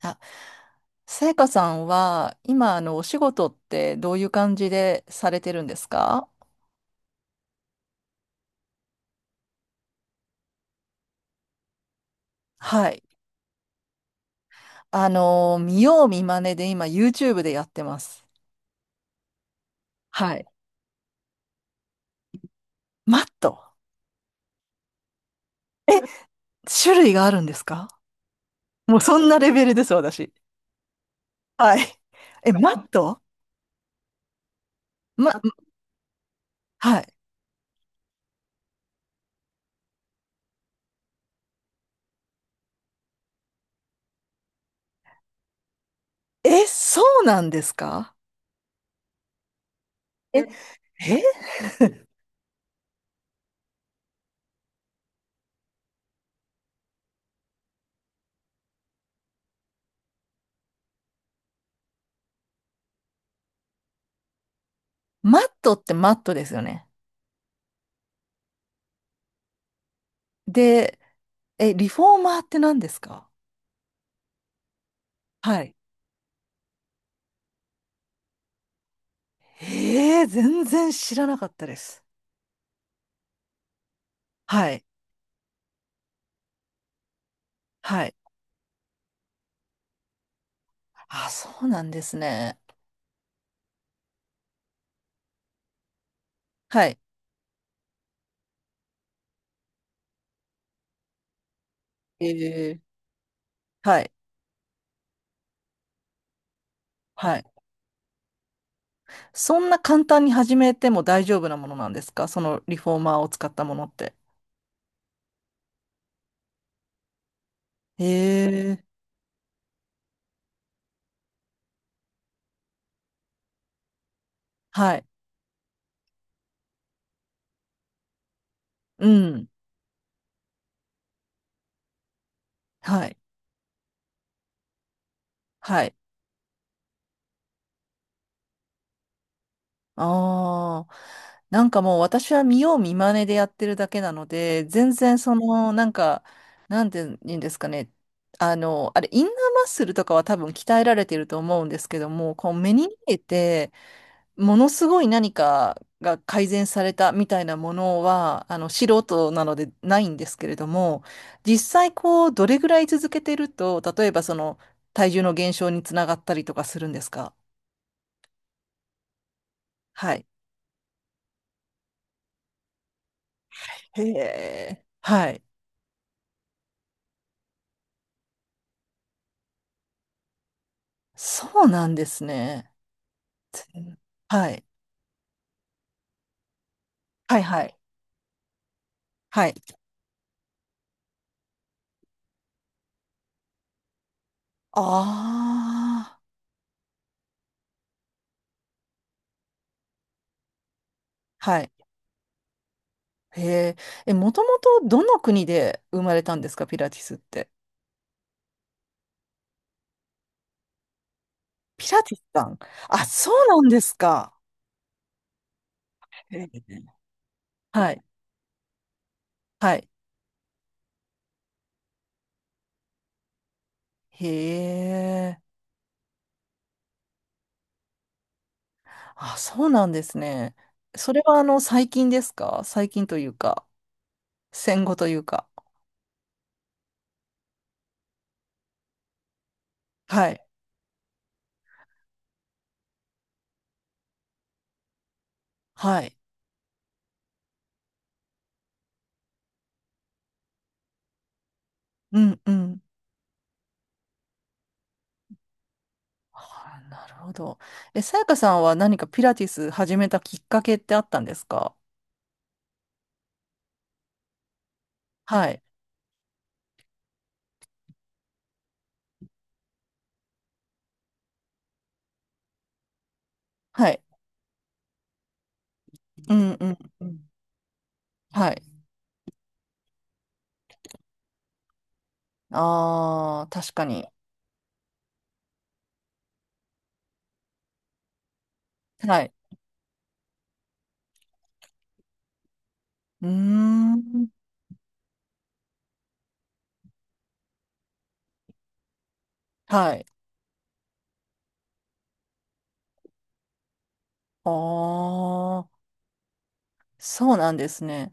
あ、さやかさんは、今、あの、お仕事ってどういう感じでされてるんですか？はい。あの、見よう見まねで今、YouTube でやってます。はい。マット。え、種類があるんですか？もうそんなレベルです、私。はい。え、マット。ま、はい。え、そうなんですか？え、え、マットってマットですよね。で、え、リフォーマーって何ですか？はい。ええ全然知らなかったです。はい。はい。あ、そうなんですね。はい。ええ。はい。はい。そんな簡単に始めても大丈夫なものなんですか、そのリフォーマーを使ったものって。へえ。はい。うん。はい。はい。ああ。なんかもう私は見よう見まねでやってるだけなので、全然その、なんか、なんて言うんですかね。あの、あれ、インナーマッスルとかは多分鍛えられてると思うんですけども、こう目に見えて、ものすごい何かが改善されたみたいなものは、あの、素人なのでないんですけれども、実際こう、どれぐらい続けてると、例えばその、体重の減少につながったりとかするんですか？はい。へえ。はい。そうなんですね。はい。はい、はい。はい。ああ。はい。へえ。え、もともとどの国で生まれたんですか、ピラティスって。ピラティスさん。あ、そうなんですか。へえ。はい。はい。へえ。あ、そうなんですね。それはあの、最近ですか？最近というか、戦後というか。はい。はい。うんうん。あ、なるほど。え、さやかさんは何かピラティス始めたきっかけってあったんですか？はい。はい。うんうんうん。はい。ああ、確かに。はい。うーん。はい。ああ、そうなんですね。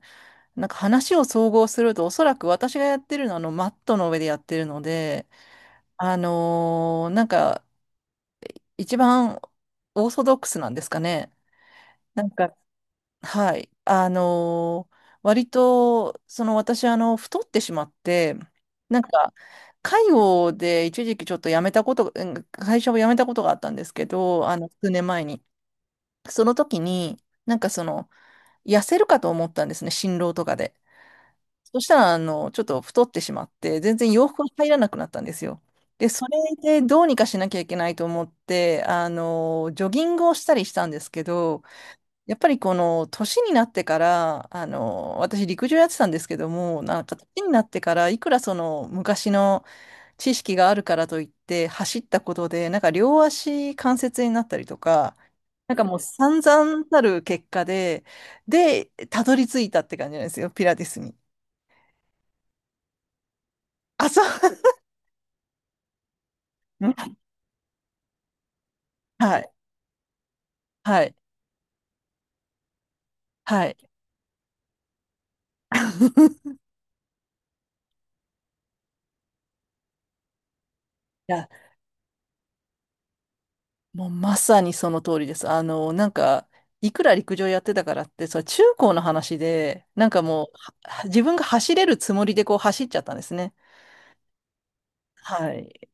なんか話を総合すると、おそらく私がやってるのはあのマットの上でやってるので、あのーなんか一番オーソドックスなんですかね。なんか、はい。あのー割と、その私あの太ってしまって、なんか介護で一時期ちょっと辞めたこと、うん会社を辞めたことがあったんですけど、あの数年前に。その時に、なんかその痩せるかと思ったんですね、心労とかで。そしたら、あの、ちょっと太ってしまって、全然洋服が入らなくなったんですよ。で、それでどうにかしなきゃいけないと思って、あの、ジョギングをしたりしたんですけど、やっぱりこの、年になってから、あの、私陸上やってたんですけども、なんか年になってから、いくらその、昔の知識があるからといって、走ったことで、なんか両足関節になったりとか、なんかもう散々たる結果で、で、たどり着いたって感じなんですよ、ピラティスに。あ、そう。はい、はい、はい。いや、もうまさにその通りです。あの、なんか、いくら陸上やってたからって、それ中高の話で、なんかもう、自分が走れるつもりでこう走っちゃったんですね。はい。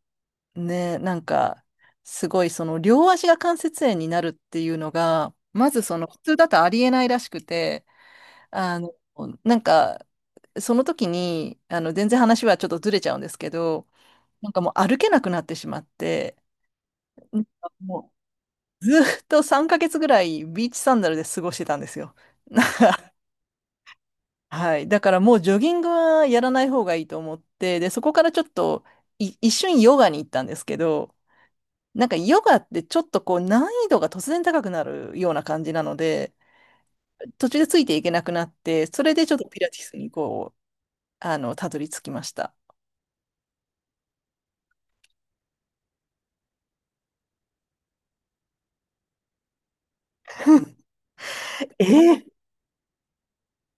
ね、なんか、すごいその両足が関節炎になるっていうのが、まずその普通だとありえないらしくて、あの、なんか、その時に、あの、全然話はちょっとずれちゃうんですけど、なんかもう歩けなくなってしまって、なんかもうずーっと3ヶ月ぐらいビーチサンダルで過ごしてたんですよ。はい。だからもうジョギングはやらない方がいいと思って、で、そこからちょっと一瞬ヨガに行ったんですけど、なんかヨガってちょっとこう難易度が突然高くなるような感じなので、途中でついていけなくなって、それでちょっとピラティスにこう、あの、たどり着きました。えー、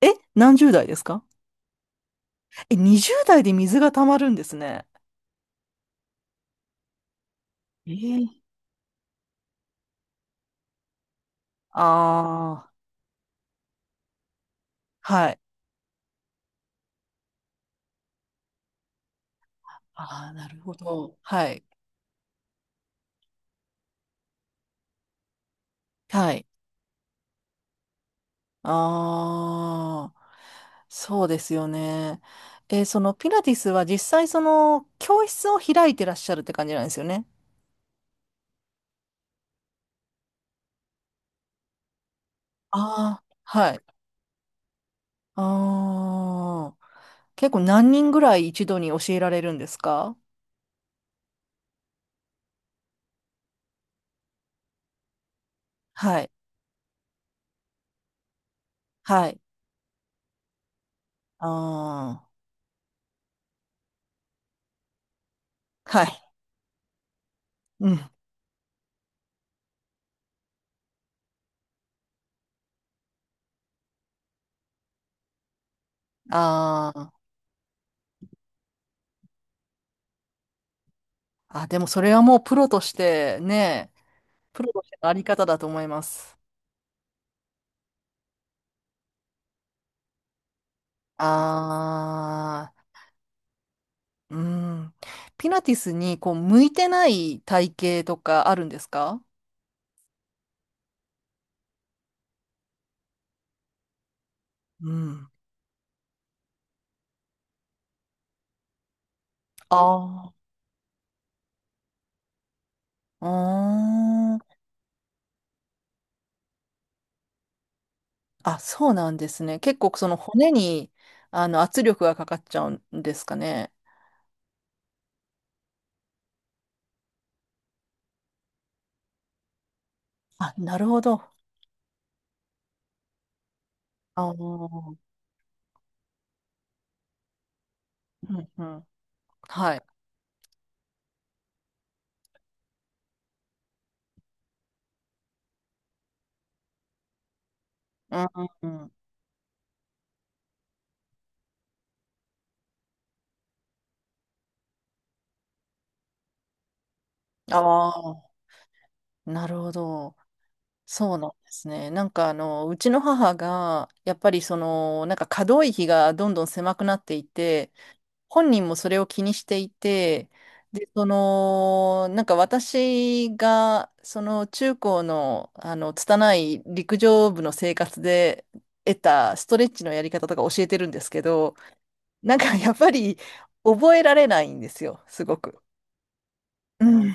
え、何十代ですか？え、20代で水が溜まるんですね。ええ。ああ、はい。ああ、なるほど。はい。はい。ああ、そうですよね。えーそのピラティスは実際その教室を開いてらっしゃるって感じなんですよね。ああ、はい。ああ、結構何人ぐらい一度に教えられるんですか？はい。はい。ああ、はい。うん。あー。あ、でもそれはもうプロとしてね、プロとしてのあり方だと思います。ああ、うん。ピラティスにこう向いてない体型とかあるんですか？うん。ああ。あーん。あ、そうなんですね。結構その骨にあの圧力がかかっちゃうんですかね。あ、なるほど。ああ。うんうん。はい。うんうんうん。ああ、なるほど。そうなんですね。なんかあの、うちの母が、やっぱりその、なんか可動域がどんどん狭くなっていて、本人もそれを気にしていて、で、その、なんか私が、その中高の、あの、拙い陸上部の生活で得たストレッチのやり方とか教えてるんですけど、なんかやっぱり覚えられないんですよ、すごく。うん。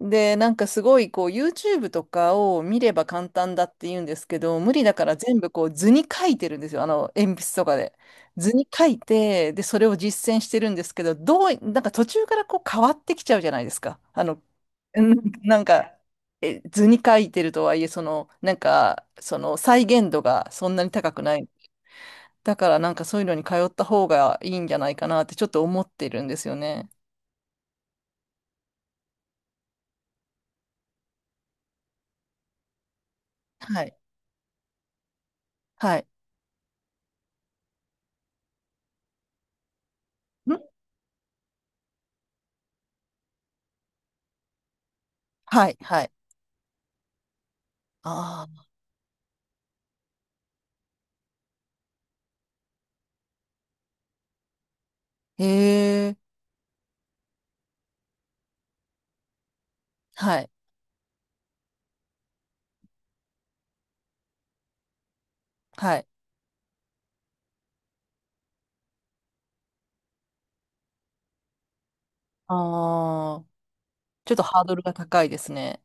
で、なんかすごいこう YouTube とかを見れば簡単だって言うんですけど、無理だから全部こう図に書いてるんですよ。あの鉛筆とかで。図に書いて、で、それを実践してるんですけど、どう、なんか途中からこう変わってきちゃうじゃないですか。あの、うん。なんか、え、図に書いてるとはいえ、その、なんか、その再現度がそんなに高くない。だからなんかそういうのに通った方がいいんじゃないかなってちょっと思ってるんですよね。はい。はい。ん。はい。はい。ああ。へえ。はい。はい。ああ、ちょっとハードルが高いですね。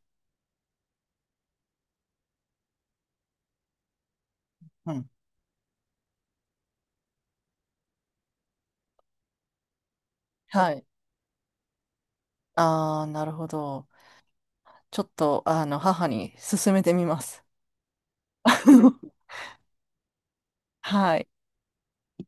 うん。はい。ああ、なるほど。ちょっと、あの、母に勧めてみます。はい。